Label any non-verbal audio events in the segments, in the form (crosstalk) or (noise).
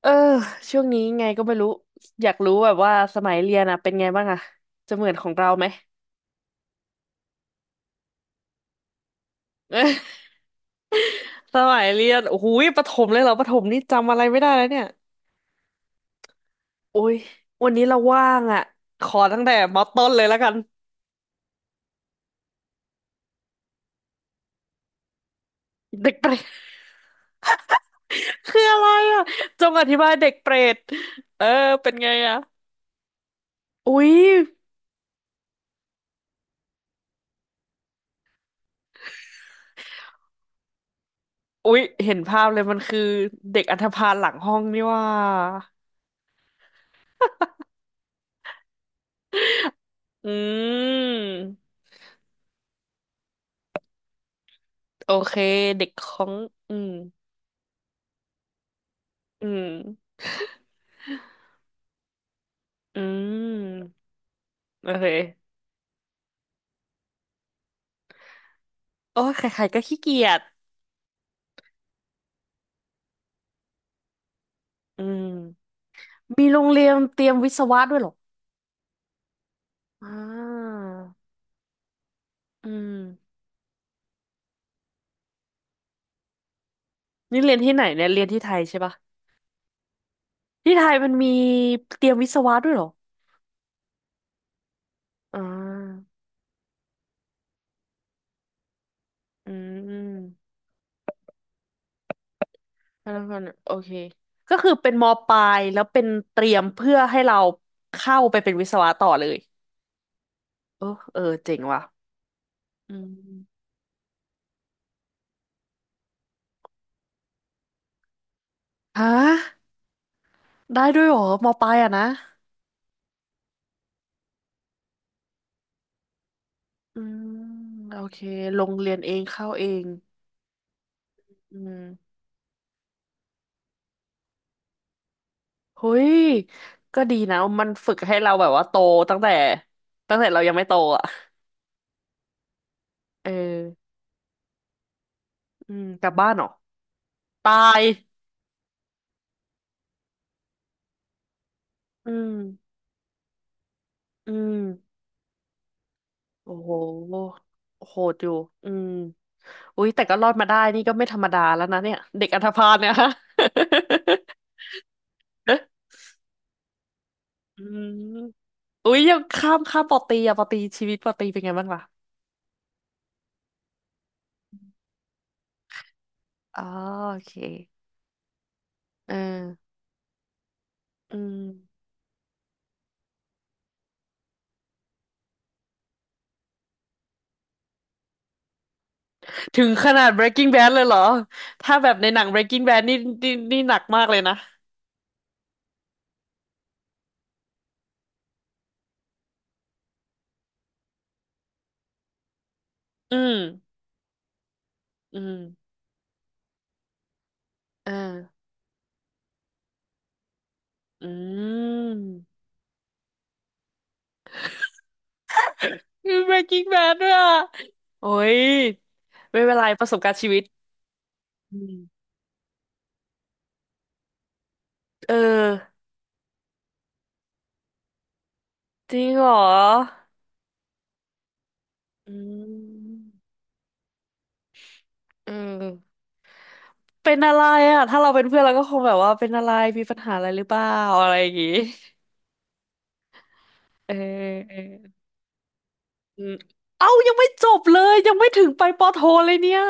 เออช่วงนี้ไงก็ไม่รู้อยากรู้แบบว่าสมัยเรียนอะเป็นไงบ้างอะจะเหมือนของเราไหม (laughs) สมัยเรียนโอ้โหประถมเลยเหรอประถมนี่จำอะไรไม่ได้แล้วเนี่ยโอ้ยวันนี้เราว่างอะขอตั้งแต่มอต้นเลยแล้วกันเด็กเปรต (laughs) คืออะไรอะจงอธิบายเด็กเปรตเออเป็นไงอะอุ้ยเห็นภาพเลยมันคือเด็กอันธพาลหลังห้องนี่ว่าอืมโอเคเด็กของอืมอืม อืมโอเคโอ้ยใครๆก็ขี้เกียจอืมมีโรงเรียนเตรียมวิศวะด้วยเหรออ่าอืมนี่เรียนที่ไหนเนี่ยเรียนที่ไทยใช่ปะที่ไทยมันมีเตรียมวิศวะด้วยเหรออ่าอืมพนักงานโอเคก็คือเป็นมปลายแล้วเป็นเตรียมเพื่อให้เราเข้าไปเป็นวิศวะต่อเลยเออเออเจ๋งว่ะอืมฮะได้ด้วยเหรอมปลายอะนะ อืมโอเคลงเรียนเองเข้าเองอืมเฮ้ยก็ดีนะมันฝึกให้เราแบบว่าโตตั้งแต่เรายังไม่โตอ่ะเอออืมกลับบ้านเหรอตายอืมอืมโอ้โหโหดอยู่อืมอุ๊ยแต่ก็รอดมาได้นี่ก็ไม่ธรรมดาแล้วนะเนี่ยเด็กอันธพาลเนี่ยฮะ (laughs) อืมอุ๊ยยังข้ามข้ามปอตีอะปอตีชีวิตปอตีเป็นไงบ้างล่ะอ๋อโอเคเอออืม ถึงขนาด Breaking Bad เลยเหรอ ถ้าแบบในหนัง Breaking Bad นี่นี่หนักมากเลยนะ อืม อืมเอออืมมี Breaking Bad ด้วยอ่ะโอ้ยไม่เป็นไรประสบการณ์ชีวิตอืมเออ จริงเหรอ อืมเออเป็นอะไรอ่ะ ถ้าเราเป็นเพื่อนเราก็คงแบบว่าเป็นอะไรมีปัญหาอะไรหรือเปล่าอะไรอย่างงี้เอออืมเอ้ายังไม่จบเลยยังไม่ถึงไปปอโทเลยเนี่ย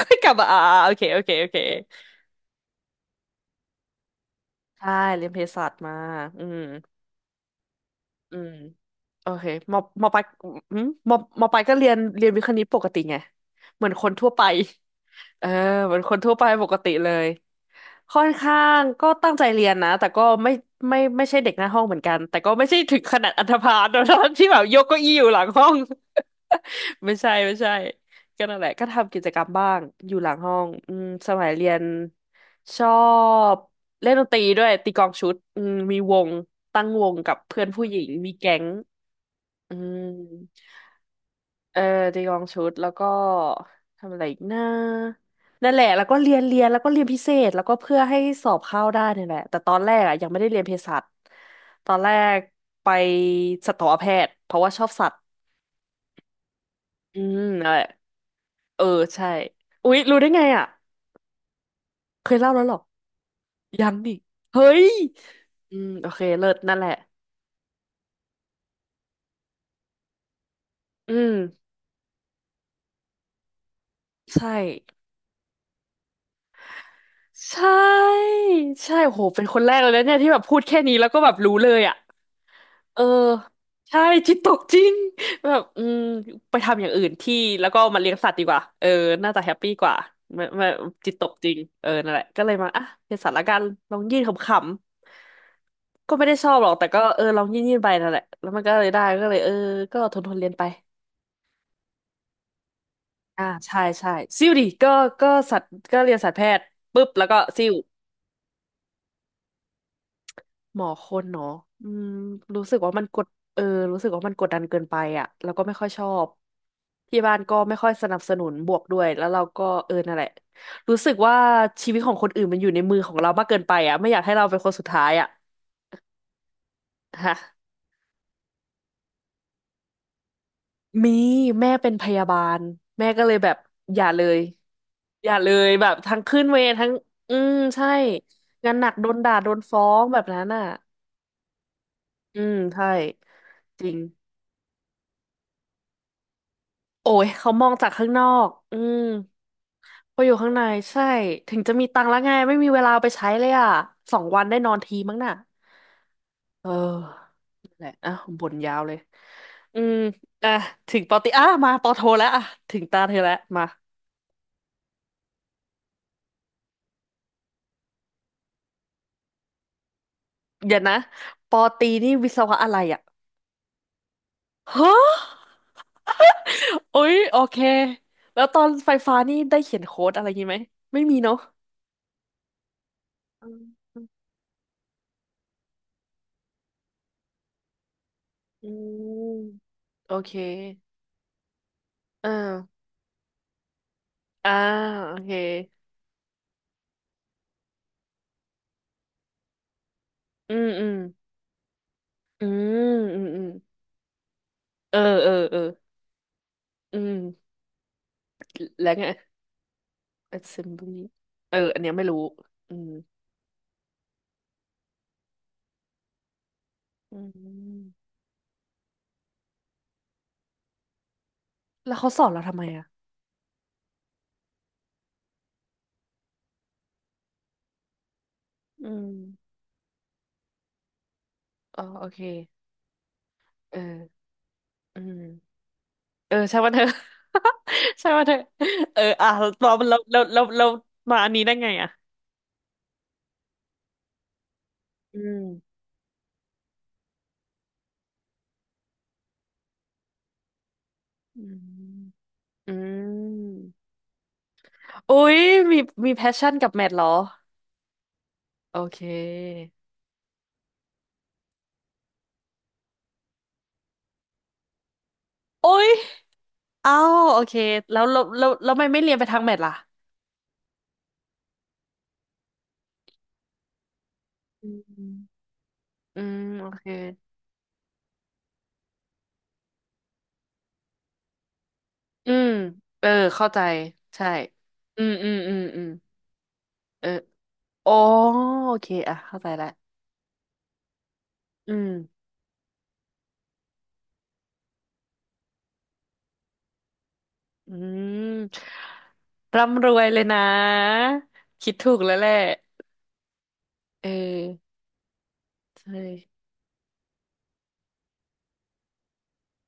ค่อยกลับมาอ่าโอเคโอเคใช่เรียนเภสัชมาอืมอืมโอเคมอปลายอืมมอปลายก็เรียนวิทย์คณิตปกติไงเหมือนคนทั่วไป เออเหมือนคนทั่วไปปกติเลยค่อนข้างก็ตั้งใจเรียนนะแต่ก็ไม่ไม่ใช่เด็กหน้าห้องเหมือนกันแต่ก็ไม่ใช่ถึงขนาดอันธพาลนะที่แบบยกเก้าอี้อยู่หลังห้อง (laughs) ไม่ใช่ไม่ใช่ก็นั่นแหละก็ทำกิจกรรมบ้างอยู่หลังห้องอืมสมัยเรียนชอบเล่นดนตรีด้วยตีกลองชุดอืมมีวงตั้งวงกับเพื่อนผู้หญิงมีแก๊ง อืมเออจียองชุดแล้วก็ทำอะไรอีกนะนั่นแหละแล้วก็เรียนแล้วก็เรียนพิเศษแล้วก็เพื่อให้สอบเข้าได้เนี่ยแหละแต่ตอนแรกอ่ะยังไม่ได้เรียนเภสัชตอนแรกไปสัตวแพทย์เพราะว่าชอบสัตว์อืมนั่นแหละเออใช่อุ๊ยรู้ได้ไงอ่ะเคยเล่าแล้วเหรอยังนี่เฮ้ยอืมโอเคเลิศนั่นแหละอืมใช่ ใช่ใช่โหเป็นคนแรกเลยนะเนี่ยที่แบบพูดแค่นี้แล้วก็แบบรู้เลยอ่ะเออใช่จิตตกจริงแบบอืมไปทำอย่างอื่นที่แล้วก็มาเลี้ยงสัตว์ดีกว่าเออน่าจะแฮปปี้กว่าไม่ไม่จิตตกจริงเออนั่นแหละก็เลยมาอ่ะเป็นสัตว์ละกันลองยื่นขำๆก็ไม่ได้ชอบหรอกแต่ก็เออลองยื่นไปนั่นแหละแล้วมันก็เลยได้ก็เลยเออก็ทนทนเรียนไปอ่าใช่ใช่ซิ่วดิก็ก็สัตว์ก็เรียนสัตวแพทย์ปุ๊บแล้วก็ซิ่ว หมอคนเนาะอืมรู้สึกว่ามันกดเออรู้สึกว่ามันกดดันเกินไปอ่ะแล้วก็ไม่ค่อยชอบที่บ้านก็ไม่ค่อยสนับสนุนบวกด้วย แล้วเราก็เออนั่นแหละรู้สึกว่าชีวิตของคนอื่นมันอยู่ในมือของเรามากเกินไปอ่ะไม่อยากให้เราเป็นคนสุดท้ายอ่ะฮะมีแม่เป็นพยาบาลแม่ก็เลยแบบอย่าเลยอย่าเลยแบบทั้งขึ้นเวรทั้งอืมใช่งานหนักโดนด่าโดนฟ้องแบบนั้นอ่ะอืมใช่จริง โอ้ยเขามองจากข้างนอกอืมพออยู่ข้างในใช่ถึงจะมีตังค์แล้วไงไม่มีเวลาไปใช้เลยอ่ะสองวันได้นอนทีมั้งน่ะเออนั่นแหละอ่ะบ่นยาวเลยอืมอ่ะถึงปอตีอ่ะมาปอโทแล้วอ่ะถึงตาเธอแล้วมาเดี๋ยวนะปอตีนี่วิศวะอะไรอ่ะฮะ (laughs) โอ้ยโอเคแล้วตอนไฟฟ้านี่ได้เขียนโค้ดอะไรงี้ไหมไม่มีเนาะอืมอืมโอเคเออ อ่าโอเค อืมอืมอืมอืมเอออืมแล้วไง assembly เอออันเนี้ยไม่รู้ อืมอืมแล้วเขาสอนเราทำไมอ่ะอืมอ๋อโอเคเอออืมเออใช่ว่าเธอ (laughs) ใช่ (laughs) ว่าเธอเอออ่ะเรามาอันนี้ได้ไงอ่ะอืมอืมอืมอุ๊ยมีมีแพชชั่นกับแมทเหรอโอเคโอ๊ย อ้าวโอเคแล้วทำไมไม่เรียนไปทางแมทล่ะอืมอืมโอเคอืมเออเข้าใจใช่อืมอืมอืมอืมเอออ๋อโอเคอ่ะเข้าใจละอืมอืมร่ำรวยเลยนะคิดถูกแล้วแหละเออใช่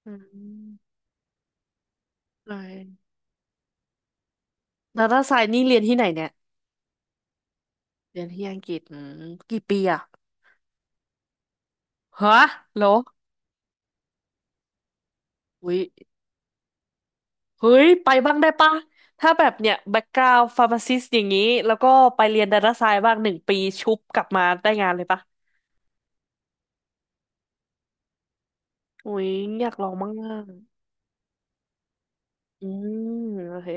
อืมใช่แล้วถ้าสายนี่เรียนที่ไหนเนี่ยเรียนที่อังกฤษอืมกี่ปีอะฮะเหรออุ้ย เฮ้ยไปบ้างได้ปะถ้าแบบเนี่ยแบ็กกราวด์ฟาร์มาซิสอย่างนี้แล้วก็ไปเรียนดาต้าไซน์บ้างหนึ่งปีชุบกลับมาได้งานเลยปะอุ้ยอยากลองบ้างอะอืมโอเค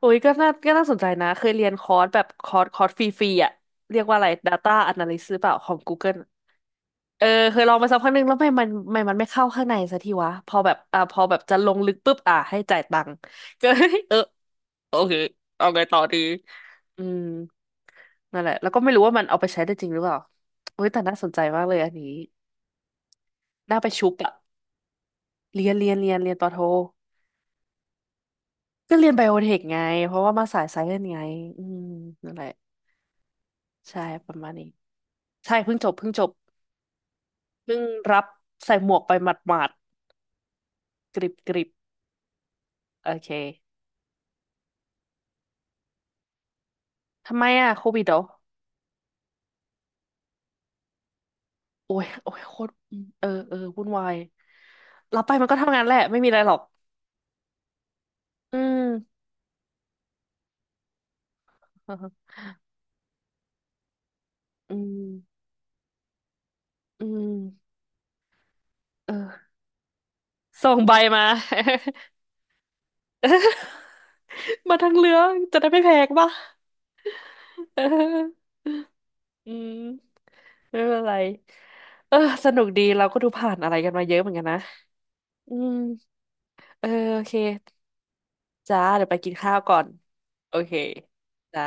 อุ้ยก็น่าสนใจนะเคยเรียนคอร์สแบบคอร์สฟรีๆอ่ะเรียกว่าอะไร Data Analyst หรือเปล่าของ Google อะเออเคยลองไปสักพักหนึ่งแล้วไม่มันไม่มันไม่เข้าข้างในสักทีวะพอแบบจะลงลึกปุ๊บให้จ่ายตังค์ก็ (laughs) เออโอเคเอาไงต่อดี อืมนั่นแหละแล้วก็ไม่รู้ว่ามันเอาไปใช้ได้จริงหรือเปล่าเฮ้ยแต่น่าสนใจมากเลยอันนี้น่าไปชุบอะเรียนปอโทก็เรียนไบโอเทคไงเพราะว่ามาสายไซเอนไงอืมนั่นแหละใช่ประมาณนี้ใช่เพิ่งจบเพิ่งจบเพิ่งรับใส่หมวกไปหมาดๆกริบกริบโอเคทำไมอะโควิดเหรอโอ้ยโอ้ยโคตรอืมเออเออวุ่นวายรับไปมันก็ทำงานแหละไม่มีอะไรหรอกอืม (laughs) อืมอืมเออส่งใบมา (laughs) (laughs) มาทั้งเรืองจะได้ไม่แพงป่ะเอออืมไม่เป็นไรเออสนุกดีเราก็ดูผ่านอะไรกันมาเยอะเหมือนกันนะอืมเออโอเคจ้าเดี๋ยวไปกินข้าวก่อน โอเคจ้า